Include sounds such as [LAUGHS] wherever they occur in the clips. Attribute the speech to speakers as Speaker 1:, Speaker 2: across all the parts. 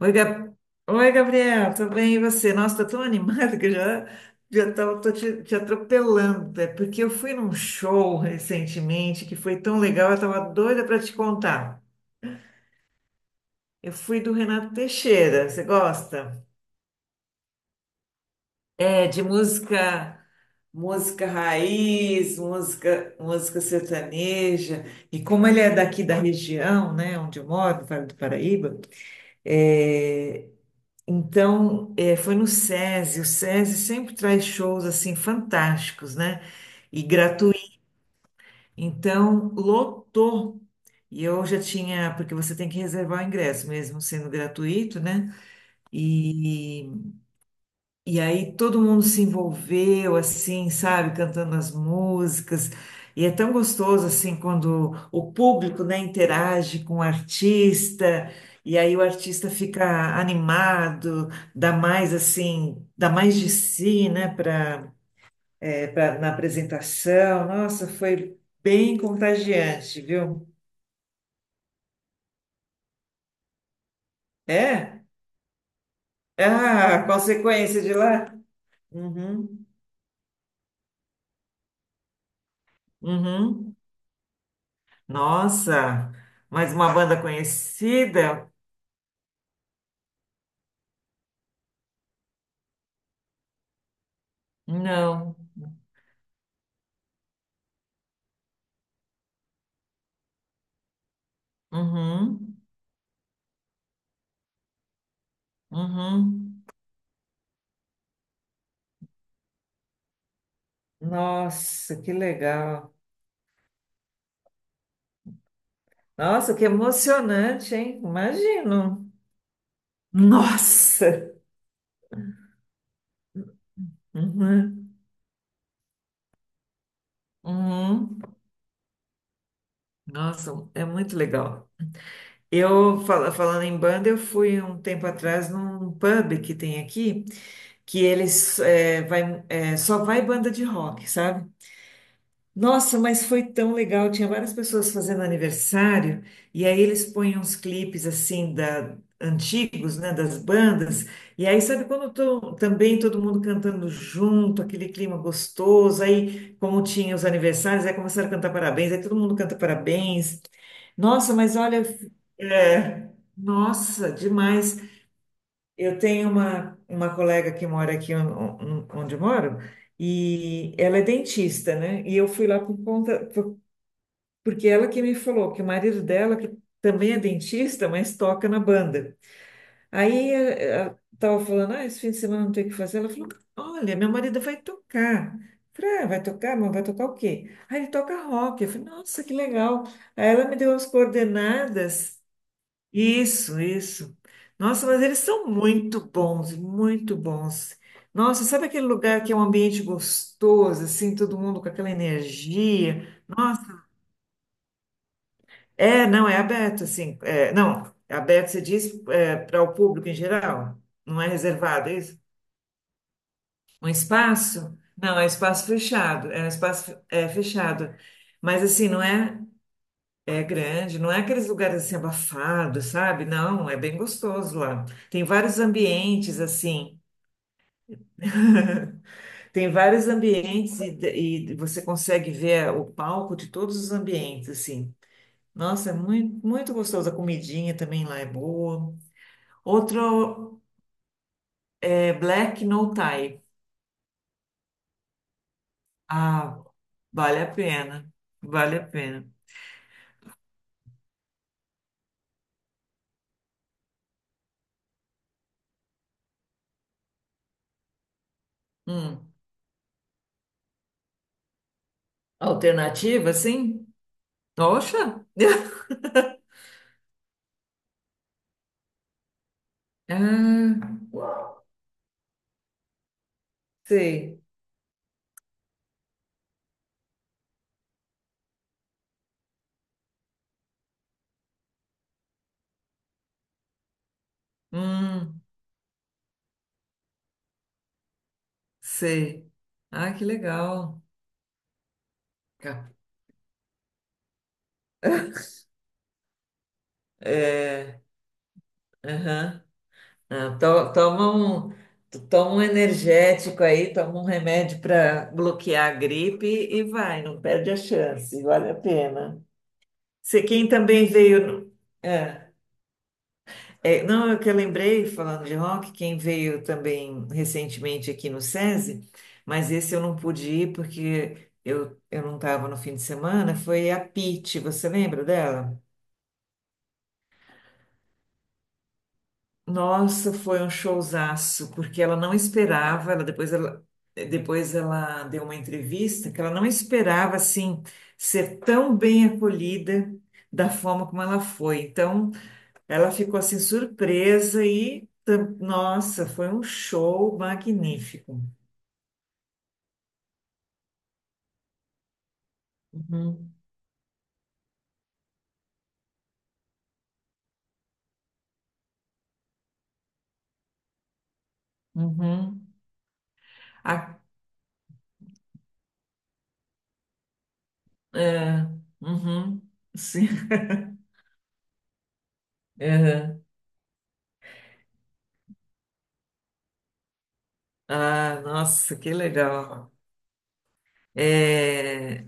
Speaker 1: Oi, Gab... Gabriel, tudo bem? E você? Nossa, tô tão animada que eu já, já tava, tô te, te atropelando. É porque eu fui num show recentemente que foi tão legal, eu tava doida para te contar. Eu fui do Renato Teixeira, você gosta? É, de música, música raiz, música sertaneja. E como ele é daqui da região, né, onde eu moro, no Vale do Paraíba, é. Então, foi no SESI. O SESI sempre traz shows assim fantásticos, né? E gratuito. Então, lotou. E eu já tinha, porque você tem que reservar o ingresso, mesmo sendo gratuito, né? e e aí todo mundo se envolveu, assim, sabe, cantando as músicas. E é tão gostoso, assim, quando o público, né, interage com o artista, e aí o artista fica animado, dá mais, assim, dá mais de si, né, para na apresentação. Nossa, foi bem contagiante, viu? É? Ah, consequência de lá? Uhum, uhum. Nossa, mais uma banda conhecida? Não. Uhum, uhum. Nossa, que legal. Nossa, que emocionante, hein? Imagino. Nossa. Uhum, uhum. Nossa, é muito legal. Eu, falando em banda, eu fui um tempo atrás num pub que tem aqui, que eles só vai banda de rock, sabe? Nossa, mas foi tão legal. Tinha várias pessoas fazendo aniversário e aí eles põem uns clipes assim da antigos, né, das bandas. E aí sabe quando tô, também todo mundo cantando junto, aquele clima gostoso. Aí como tinha os aniversários, aí começaram a cantar parabéns. Aí todo mundo canta parabéns. Nossa, mas olha, é, nossa, demais. Eu tenho uma colega que mora aqui onde eu moro e ela é dentista, né? E eu fui lá por conta, porque ela que me falou que o marido dela, que também é dentista, mas toca na banda. Aí ela estava falando, ah, esse fim de semana não tem o que fazer. Ela falou, olha, meu marido vai tocar. Eu falei, ah, vai tocar, mas vai tocar o quê? Ah, ele toca rock. Eu falei, nossa, que legal. Aí ela me deu as coordenadas. Isso, isso. Nossa, mas eles são muito bons, muito bons. Nossa, sabe aquele lugar que é um ambiente gostoso, assim, todo mundo com aquela energia? Nossa, é, não, é aberto, assim, é, não, é aberto, você diz, é, para o público em geral, não é reservado, é isso? Um espaço? Não, é um espaço fechado, é um espaço é, fechado. Mas assim, não é? É grande, não é aqueles lugares assim abafados, sabe? Não, é bem gostoso lá. Tem vários ambientes assim. [LAUGHS] Tem vários ambientes e você consegue ver o palco de todos os ambientes, assim. Nossa, é muito, muito gostoso. A comidinha também lá é boa. Outro é Black No Tie. Ah, vale a pena. Vale a pena. Hum. Alternativa, sim? Oxa! [LAUGHS] Ah, sei. Hum. Sei. Ah, que legal. Ca- [LAUGHS] Aham. Ah, toma um, tu toma um energético aí, toma um remédio para bloquear a gripe e vai, não perde a chance, vale a pena. Se quem também veio. No- É, é, não, é que eu lembrei, falando de rock, quem veio também recentemente aqui no SESI, mas esse eu não pude ir porque eu não estava no fim de semana, foi a Pitty, você lembra dela? Nossa, foi um showzaço, porque ela não esperava, ela depois ela depois ela deu uma entrevista que ela não esperava assim ser tão bem acolhida da forma como ela foi. Então, ela ficou assim surpresa e nossa, foi um show magnífico. Uhum, uhum. A- É, uhum, sim. [LAUGHS] Uhum. Ah, nossa, que legal. É,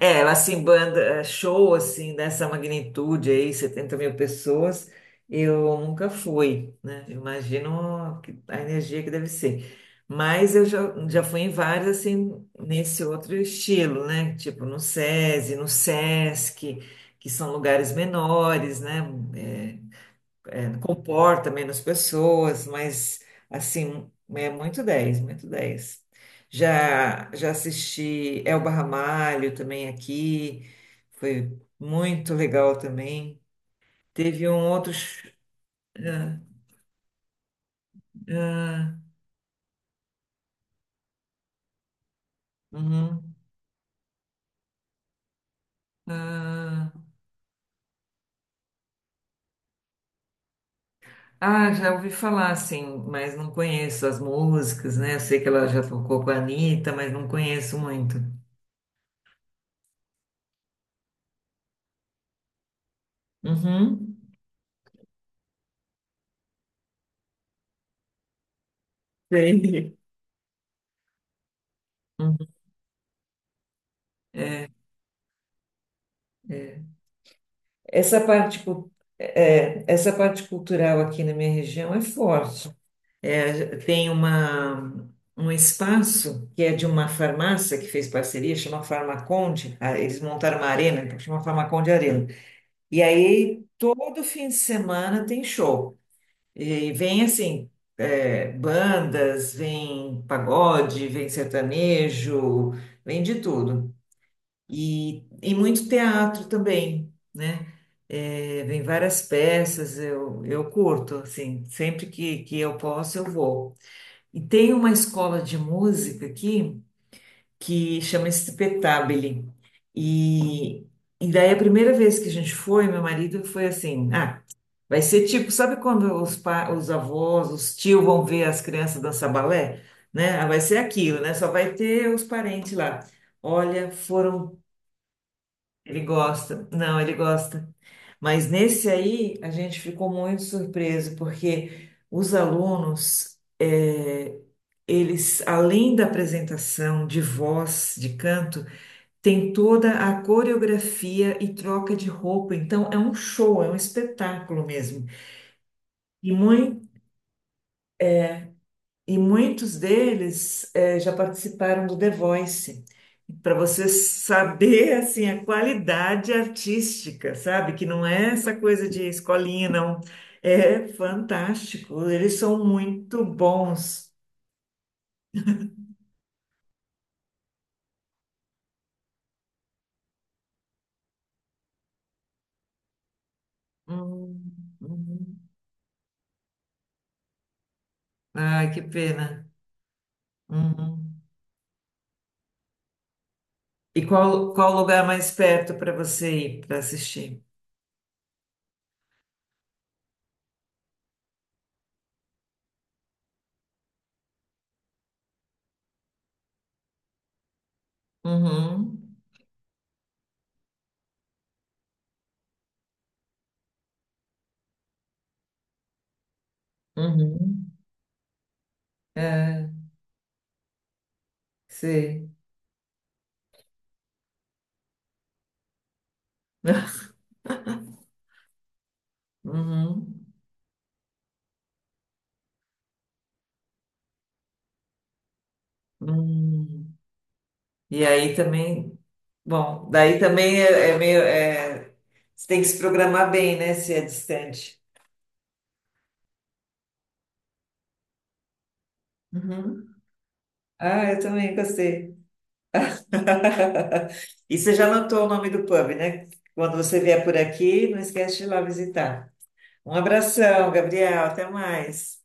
Speaker 1: é, ela assim, banda, é, show assim, dessa magnitude aí, 70 mil pessoas, eu nunca fui, né? Eu imagino que a energia que deve ser. Mas eu já, já fui em vários, assim, nesse outro estilo, né? Tipo no SESI, no SESC, que são lugares menores, né? É, comporta menos pessoas, mas assim, é muito dez, muito dez. Já, já assisti Elba Ramalho também aqui, foi muito legal também. Teve um outro. Ah, ah, uhum, ah, ah, já ouvi falar, sim, mas não conheço as músicas, né? Eu sei que ela já tocou com a Anitta, mas não conheço muito. Uhum. Sei. Essa parte, é, essa parte cultural aqui na minha região é forte. É, tem uma, um espaço que é de uma farmácia que fez parceria, chama Farmaconde. Ah, eles montaram uma arena, então chama Farmaconde Arena. E aí, todo fim de semana tem show. E vem assim, é, bandas, vem pagode, vem sertanejo, vem de tudo. E muito teatro também, né? É, vem várias peças, eu curto, assim, sempre que eu posso, eu vou. E tem uma escola de música aqui que chama Spetabile. E, e daí a primeira vez que a gente foi, meu marido foi assim, ah, vai ser tipo, sabe quando os, pa, os avós, os tios vão ver as crianças dançar balé? Né? Ah, vai ser aquilo, né? Só vai ter os parentes lá. Olha, foram ele gosta, não, ele gosta. Mas nesse aí a gente ficou muito surpreso, porque os alunos, eles, além da apresentação de voz, de canto, tem toda a coreografia e troca de roupa. Então é um show, é um espetáculo mesmo. E mui- E muitos deles já participaram do The Voice. Para você saber assim a qualidade artística, sabe? Que não é essa coisa de escolinha, não. É fantástico. Eles são muito bons. Hum, hum. Ai, que pena. Uhum. E qual, qual o lugar mais perto para você ir para assistir? Uhum. Uhum. É, sei. [LAUGHS] Uhum. Hum. E aí também, bom, daí também é, é meio, é, você tem que se programar bem, né, se é distante. Uhum. Ah, eu também gostei. [LAUGHS] E você já anotou o nome do pub, né? Quando você vier por aqui, não esquece de ir lá visitar. Um abração, Gabriel, até mais.